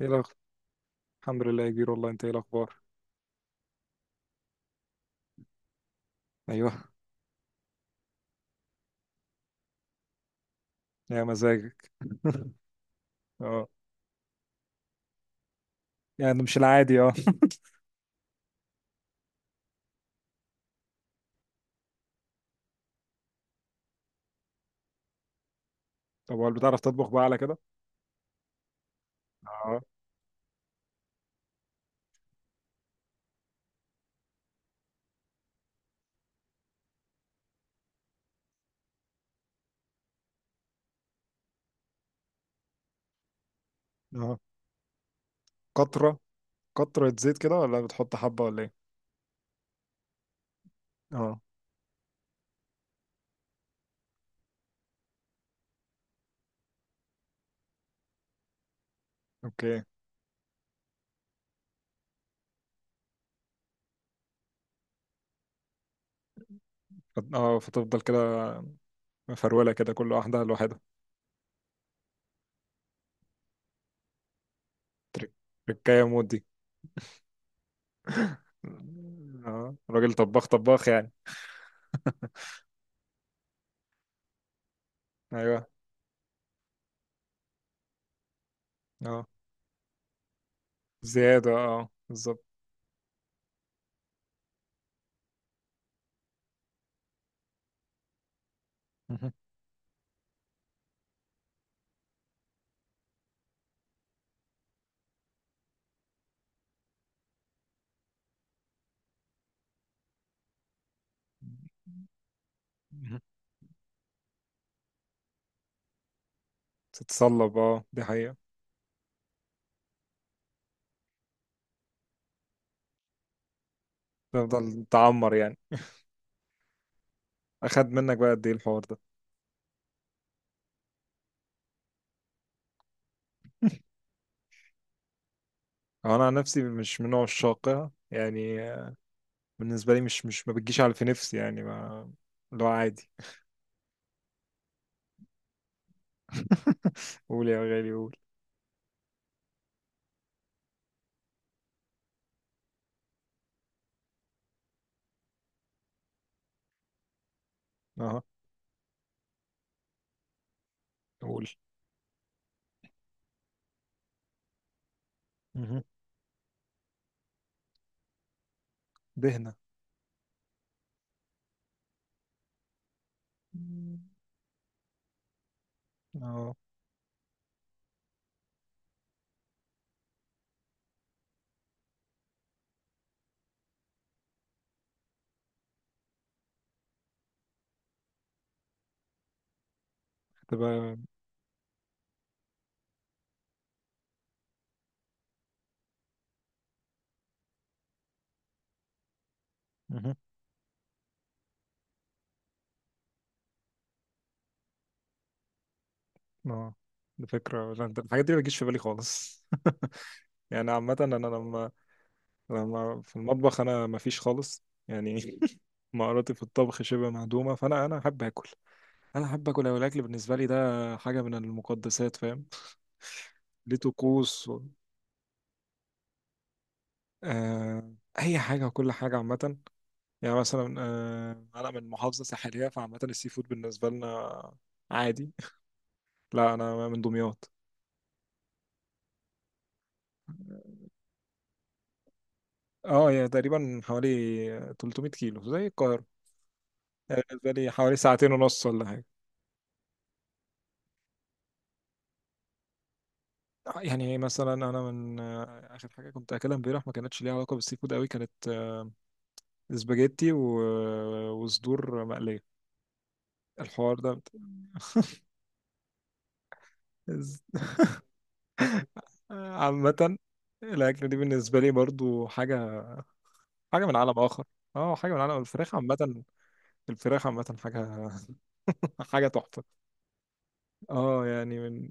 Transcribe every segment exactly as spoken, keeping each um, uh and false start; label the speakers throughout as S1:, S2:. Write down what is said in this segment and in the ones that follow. S1: ايه الاخبار؟ الحمد لله يا كبير، والله انت ايه الاخبار؟ ايوه. يا مزاجك. اه، يعني مش العادي اه. طب هل بتعرف تطبخ بقى على كده؟ اه. اه. قطره، قطره زيت كده ولا بتحط حبه ولا ايه؟ اه. اوكي. فت- اه فتفضل كده، مفروله كده، كل واحده لوحدها. تريك. تركايه مود دي. اه، راجل طباخ طباخ يعني. ايوه. اه، زياده اه بالظبط. مهم. مهم. تتصلب، اه دي حقيقه. تفضل تعمر يعني. اخد منك بقى قد ايه الحوار ده؟ انا عن نفسي مش من نوع الشاقة يعني. بالنسبة لي مش مش ما بتجيش على في نفسي يعني ما، اللي هو عادي. قول يا غالي قول. اه، قول. مه. دهنة. مم. اه، تبقى. مه. اه، دي فكرة. لا، ده الحاجات دي ما بتجيش في بالي خالص. يعني عامة انا لما لما في المطبخ انا ما فيش خالص يعني. مهاراتي في الطبخ شبه مهدومة، فانا انا احب اكل، انا احب اكل أوي، الاكل بالنسبة لي ده حاجة من المقدسات، فاهم؟ ليه طقوس. آه، اي حاجه وكل حاجه عامه. يعني مثلا آه، انا من محافظه ساحليه، فعامه السي فود بالنسبه لنا عادي. لا، انا من دمياط. اه يعني تقريبا حوالي 300 كيلو زي القاهره. يعني بالنسبه لي حوالي ساعتين ونص ولا حاجه. آه، يعني مثلا انا من، آه، اخر حاجه كنت اكلها امبارح ما كانتش ليها علاقه بالسي فود قوي، كانت آه، سباجيتي و... آه، وصدور مقليه، الحوار ده. عامه الاكله دي بالنسبه لي برضو حاجه، حاجه من عالم اخر. اه، حاجه من عالم الفراخ عامه. الفراخ عامه حاجه. حاجه تحفه. اه يعني من،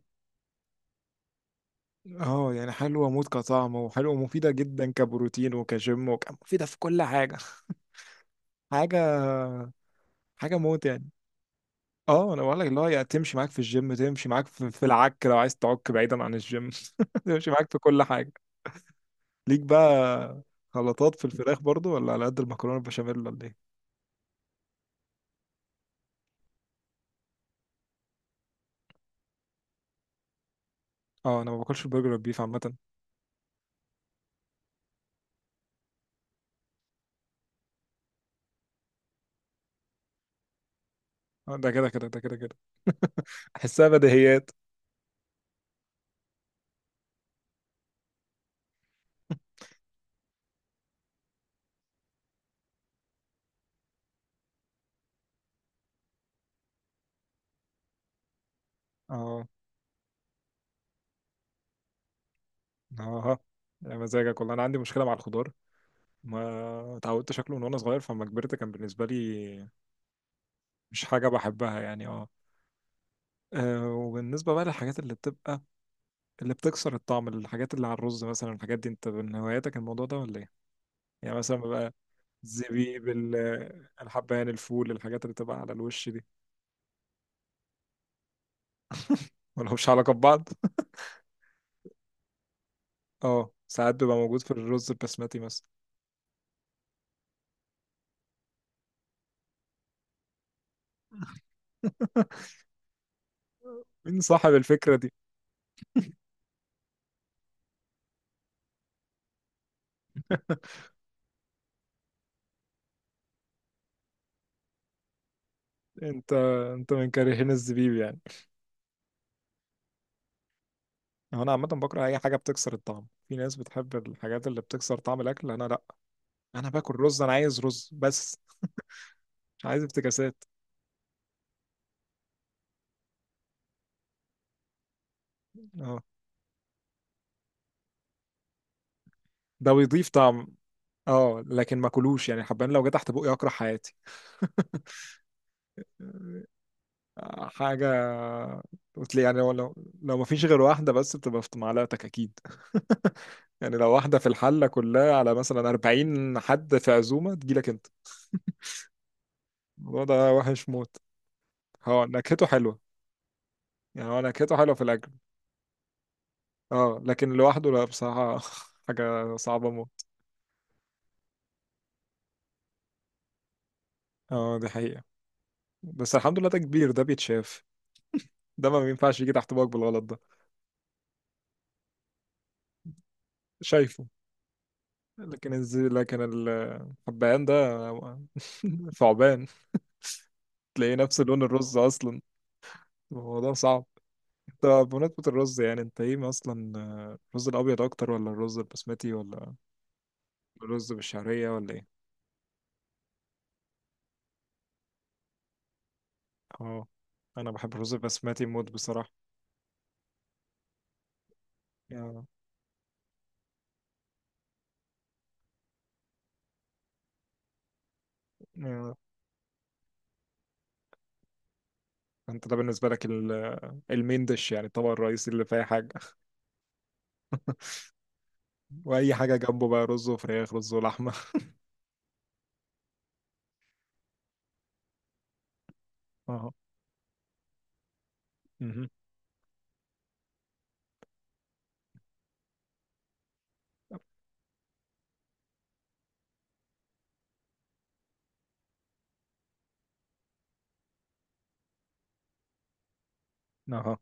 S1: اه يعني حلوه موت كطعم، وحلوه ومفيده جدا كبروتين وكجيم وك... مفيده في كل حاجه. حاجه. حاجه موت يعني. اه انا بقول لك اللي هو يعني تمشي معاك في الجيم، تمشي معاك في, في العك، لو عايز تعك بعيدا عن الجيم تمشي معاك في كل حاجه. ليك بقى خلطات في الفراخ برضو ولا على قد المكرونه البشاميل ولا ايه؟ اه انا ما باكلش البرجر والبيف عامه. آه، ده كده كده ده كده كده. احسها بديهيات. اه. اه، يا مزاجك والله. انا عندي مشكله مع الخضار، ما اتعودت شكله من وانا صغير، فلما كبرت كان بالنسبه لي مش حاجه بحبها يعني اه. آه، وبالنسبه بقى للحاجات اللي بتبقى، اللي بتكسر الطعم، الحاجات اللي على الرز مثلا، الحاجات دي انت من هواياتك الموضوع ده ولا ايه؟ يعني مثلا بقى الزبيب، ال- الحبهان، الفول، الحاجات اللي بتبقى على الوش دي ولا مش علاقه ببعض؟ اه ساعات بيبقى موجود في الرز البسمتي مثلا. مين صاحب الفكره دي؟ انت انت من كارهين الزبيب يعني؟ هو انا عامه بكره اي حاجه بتكسر الطعم. في ناس بتحب الحاجات اللي بتكسر طعم الاكل، انا لا. انا باكل رز، انا عايز رز بس، مش عايز افتكاسات. اه، ده بيضيف طعم. اه لكن ما كلوش يعني، حبان لو جه تحت بقي اكره حياتي. آه، حاجه. قلت لي يعني هو لو، لو ما فيش غير واحده بس بتبقى في معلقتك اكيد. يعني لو واحده في الحله كلها على مثلا 40 حد في عزومه تجيلك انت. الموضوع ده وحش موت. هو نكهته حلوه، يعني هو نكهته حلوه في الاكل. اه لكن لوحده لا بصراحة. حاجة صعبة موت. اه دي حقيقة. بس الحمد لله ده كبير، ده بيتشاف. ده ما بينفعش يجي تحت باك بالغلط ده. شايفه. لكن الزي، لكن الحبهان ده ثعبان. تلاقيه نفس لون الرز اصلا. الموضوع صعب. انت بمناسبة الرز يعني انت ايه اصلا؟ الرز الابيض اكتر ولا الرز البسمتي ولا الرز بالشعرية ولا ايه؟ اه، انا بحب الرز البسمتي موت بصراحة. يا-. يا-. انت ده بالنسبة لك، ال- المين ديش، يعني الطبق الرئيسي اللي فيه حاجة واي حاجه جنبه بقى، رز وفراخ، رز ولحمه. اهو. مهم. اهو.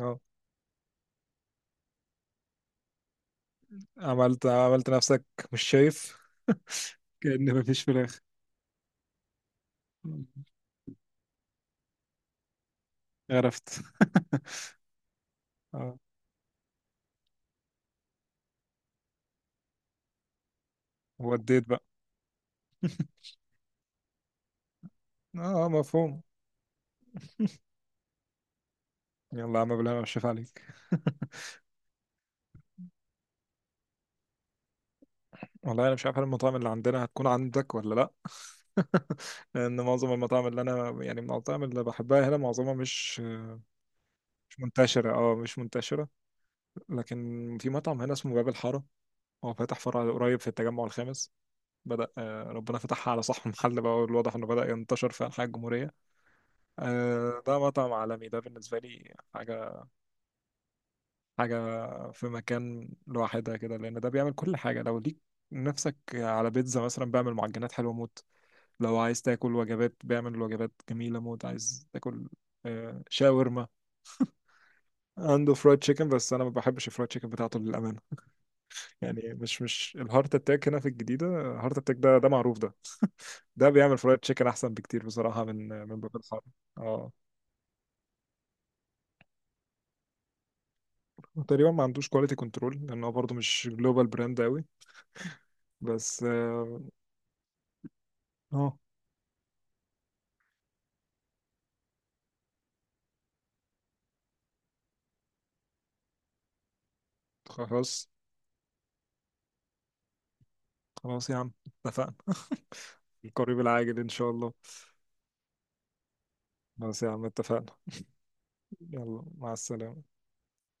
S1: اهو. عملت عملت نفسك مش شايف، كأن مفيش فراخ. مم. عرفت. اه، وديت بقى. اه، آه، مفهوم. يلا يا عم بالله، انا مش شايف عليك. والله انا مش عارف هل المطاعم اللي عندنا هتكون عندك ولا لا. لان معظم المطاعم اللي انا يعني المطاعم اللي بحبها هنا معظمها مش مش منتشره، اه مش منتشره. لكن في مطعم هنا اسمه باب الحاره، هو فاتح فرع قريب في التجمع الخامس. بدأ، آه، ربنا فتحها على صاحب المحل بقى، والواضح انه بدأ ينتشر في أنحاء الجمهورية. آه، ده مطعم عالمي، ده بالنسبة لي حاجة، حاجة في مكان لوحدها كده، لأن ده بيعمل كل حاجة. لو ليك نفسك على بيتزا مثلا بيعمل معجنات حلوة موت، لو عايز تاكل وجبات بيعمل وجبات جميلة موت، عايز تاكل آه، شاورما. عنده فرايد تشيكن بس انا ما بحبش الفرايد تشيكن بتاعته للامانه. يعني مش مش الهارت اتاك هنا في الجديده، هارت اتاك ده ده معروف ده. ده بيعمل فرايد تشيكن احسن بكتير بصراحه من من باب الحاره. اه، تقريبا ما عندوش كواليتي كنترول لانه برضه مش جلوبال براند قوي. بس اه. آه، خلاص. خلاص يا عم، اتفقنا. القريب العاجل ان شاء الله. خلاص يا عم اتفقنا. يلا مع السلامه.